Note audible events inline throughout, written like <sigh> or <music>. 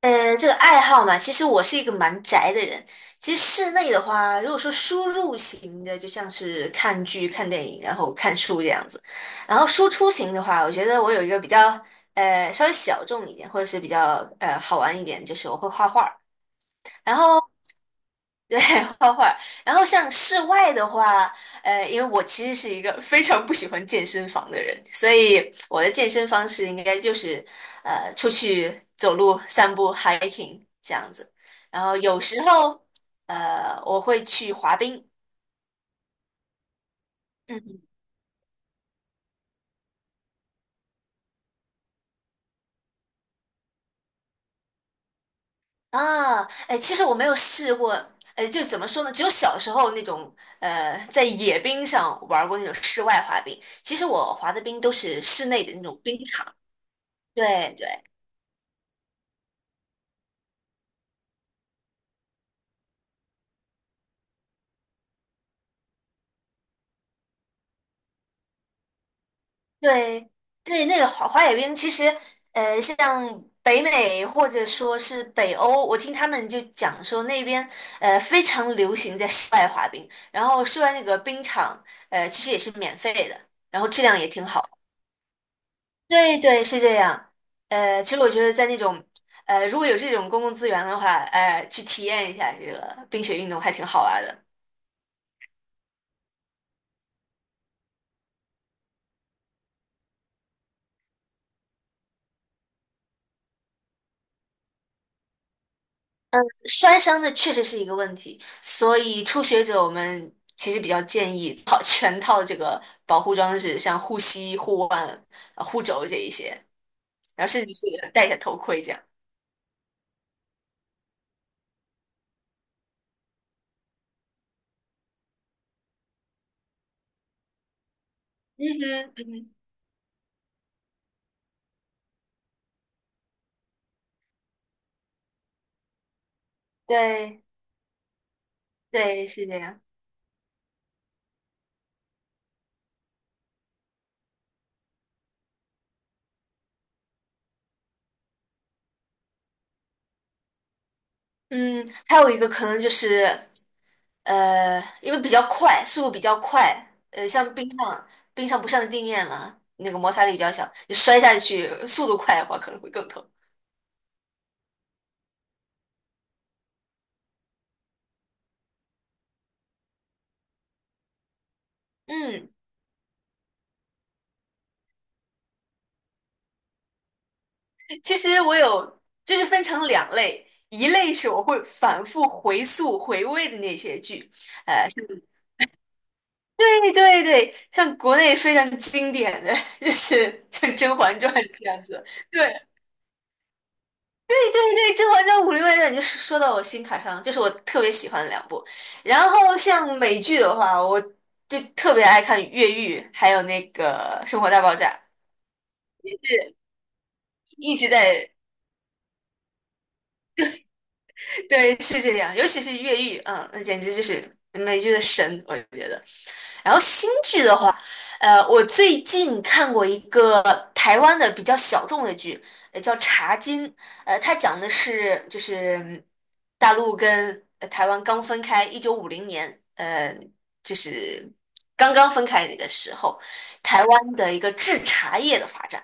这个爱好嘛，其实我是一个蛮宅的人。其实室内的话，如果说输入型的，就像是看剧、看电影，然后看书这样子。然后输出型的话，我觉得我有一个比较稍微小众一点，或者是比较好玩一点，就是我会画画。然后对，<laughs> 画画。然后像室外的话，因为我其实是一个 <laughs> 非常不喜欢健身房的人，所以我的健身方式应该就是出去走路、散步、hiking 这样子。然后有时候我会去滑冰。嗯啊，哎，其实我没有试过，哎，就怎么说呢？只有小时候那种，在野冰上玩过那种室外滑冰。其实我滑的冰都是室内的那种冰。对对对对，那个滑冰其实，像北美或者说是北欧，我听他们就讲说那边非常流行在室外滑冰，然后室外那个冰场其实也是免费的，然后质量也挺好。对对，是这样。其实我觉得在那种如果有这种公共资源的话，去体验一下这个冰雪运动还挺好玩的。摔伤的确实是一个问题，所以初学者我们其实比较建议套 <laughs> 全套这个保护装置，像护膝、护腕、护肘这一些，然后甚至是戴一下头盔这样。嗯哼，嗯哼，对对，是这样。嗯，还有一个可能就是因为比较快，速度比较快，像冰上不上地面嘛，那个摩擦力比较小，你摔下去速度快的话可能会更疼。嗯。其实我有，就是分成两类，一类是我会反复回溯回味的那些剧，对对对，像国内非常经典的，就是像《甄嬛传》这样子，对对对对，《甄嬛传》《武林外传》，你就说到我心坎上了，就是我特别喜欢的两部。然后像美剧的话，我就特别爱看《越狱》，还有那个《生活大爆炸》，一直在对，是这样，尤其是越狱，那简直就是美剧的神，我觉得。然后新剧的话，我最近看过一个台湾的比较小众的剧，叫《茶金》，它讲的是就是大陆跟台湾刚分开，1950年，就是刚刚分开那个时候，台湾的一个制茶业的发展，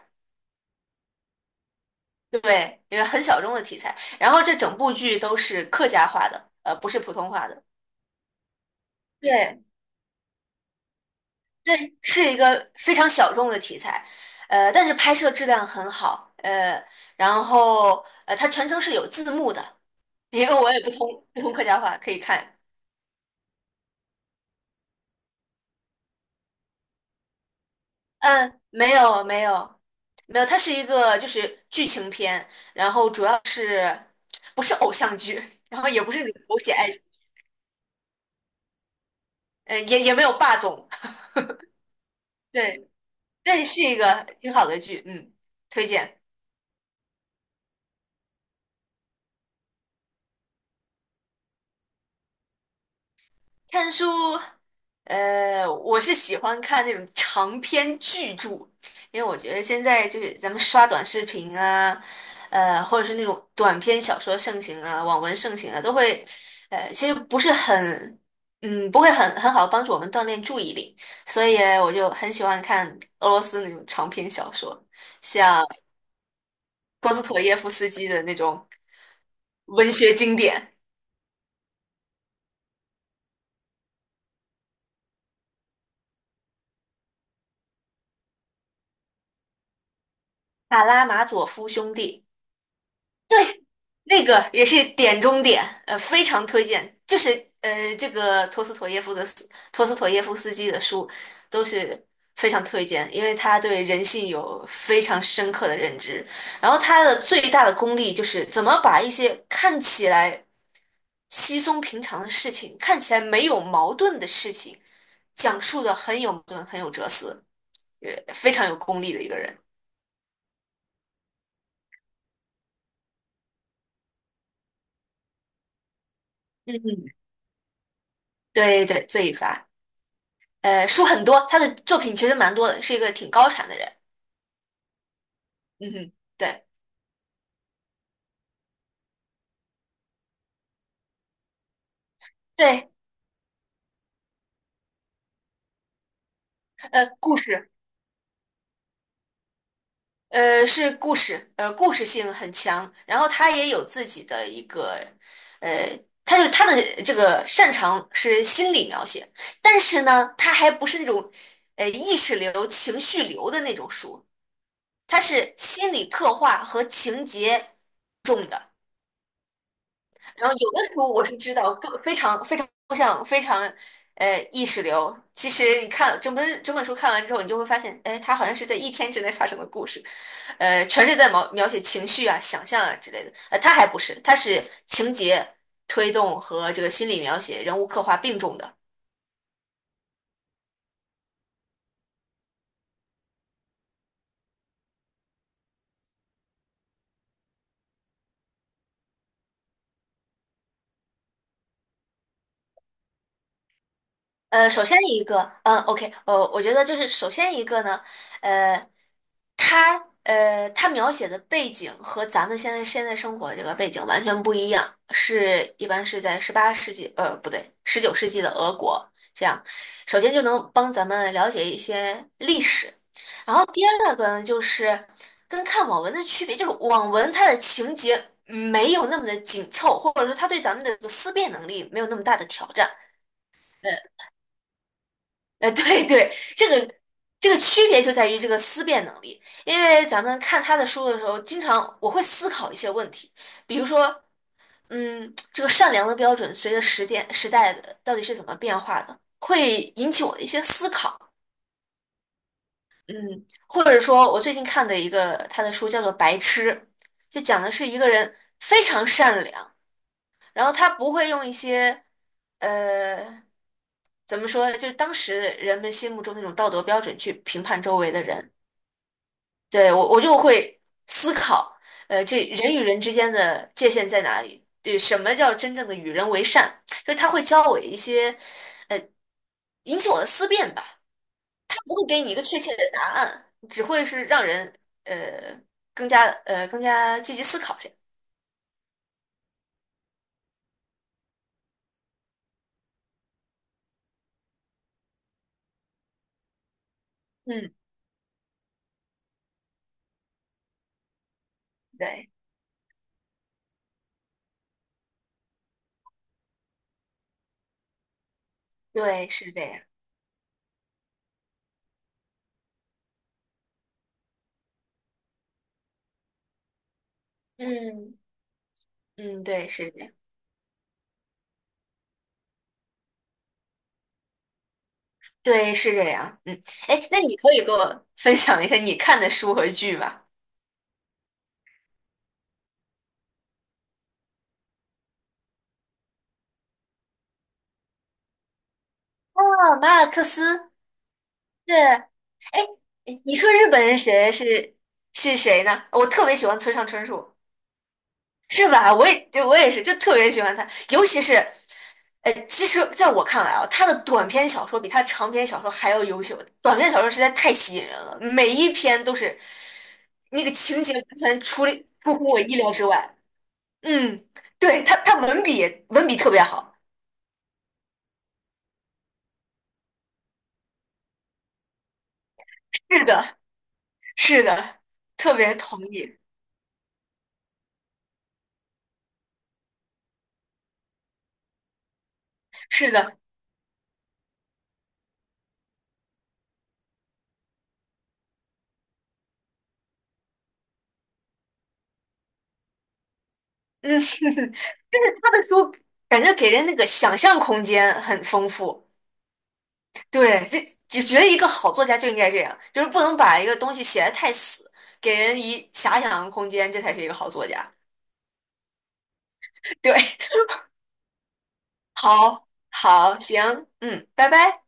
对，因为很小众的题材。然后这整部剧都是客家话的，不是普通话的。对对，是一个非常小众的题材，但是拍摄质量很好，然后它全程是有字幕的，因为我也不通客家话，可以看。嗯，没有没有没有，它是一个就是剧情片，然后主要是不是偶像剧，然后也不是那种狗血爱情，也没有霸总，<laughs> 对，但是是一个挺好的剧，推荐。看书，我是喜欢看那种长篇巨著，因为我觉得现在就是咱们刷短视频啊，或者是那种短篇小说盛行啊，网文盛行啊，都会，其实不是很，不会很好帮助我们锻炼注意力，所以我就很喜欢看俄罗斯那种长篇小说，像波斯妥耶夫斯基的那种文学经典《卡拉马佐夫兄弟》。那个也是点中点，非常推荐。就是这个托斯妥耶夫的斯托斯妥耶夫斯基的书都是非常推荐，因为他对人性有非常深刻的认知。然后他的最大的功力就是怎么把一些看起来稀松平常的事情，看起来没有矛盾的事情，讲述的很有矛盾，很有哲思，非常有功力的一个人。嗯，对对，罪与罚。书很多，他的作品其实蛮多的，是一个挺高产的人。嗯哼，对对，呃，故事，是故事，故事性很强，然后他也有自己的一个，呃，他的这个擅长是心理描写，但是呢，他还不是那种，意识流、情绪流的那种书，他是心理刻画和情节重的。然后有的时候我是知道，非常非常抽象，非常意识流。其实你看整本整本书看完之后，你就会发现，哎，它好像是在一天之内发生的故事，全是在描写情绪啊、想象啊之类的。它还不是，它是情节推动和这个心理描写、人物刻画并重的。首先一个，OK，我觉得就是首先一个呢，呃。他他描写的背景和咱们现在生活的这个背景完全不一样，一般是在十八世纪，不对，十九世纪的俄国这样。首先就能帮咱们了解一些历史，然后第二个呢，就是跟看网文的区别，就是网文它的情节没有那么的紧凑，或者说它对咱们的这个思辨能力没有那么大的挑战。对对，这个区别就在于这个思辨能力，因为咱们看他的书的时候，经常我会思考一些问题，比如说，这个善良的标准随着时代的到底是怎么变化的，会引起我的一些思考，嗯，或者说我最近看的一个他的书叫做《白痴》，就讲的是一个人非常善良，然后他不会用一些呃。怎么说呢？就是当时人们心目中那种道德标准去评判周围的人。对，我就会思考，这人与人之间的界限在哪里？对，什么叫真正的与人为善？就是他会教我一些，呃，引起我的思辨吧。他不会给你一个确切的答案，只会是让人呃更加积极思考这样。嗯，对，对，是这样。嗯嗯，对，是这样。对，是这样。嗯，哎，那你可以给我 <laughs> 分享一下你看的书和剧吗？啊，马尔克斯是，哎，你说日本人是谁呢？我特别喜欢村上春树，是吧？我也是，就特别喜欢他，尤其是，其实在我看来啊，他的短篇小说比他长篇小说还要优秀。短篇小说实在太吸引人了，每一篇都是那个情节完全出乎我意料之外。嗯，对，他文笔特别好。是的，是的，特别同意。是的，嗯，<laughs> 就是他的书感觉给人那个想象空间很丰富。对，就觉得一个好作家就应该这样，就是不能把一个东西写得太死，给人以遐想空间，这才是一个好作家。对，<laughs> 好，好，行，嗯，拜拜。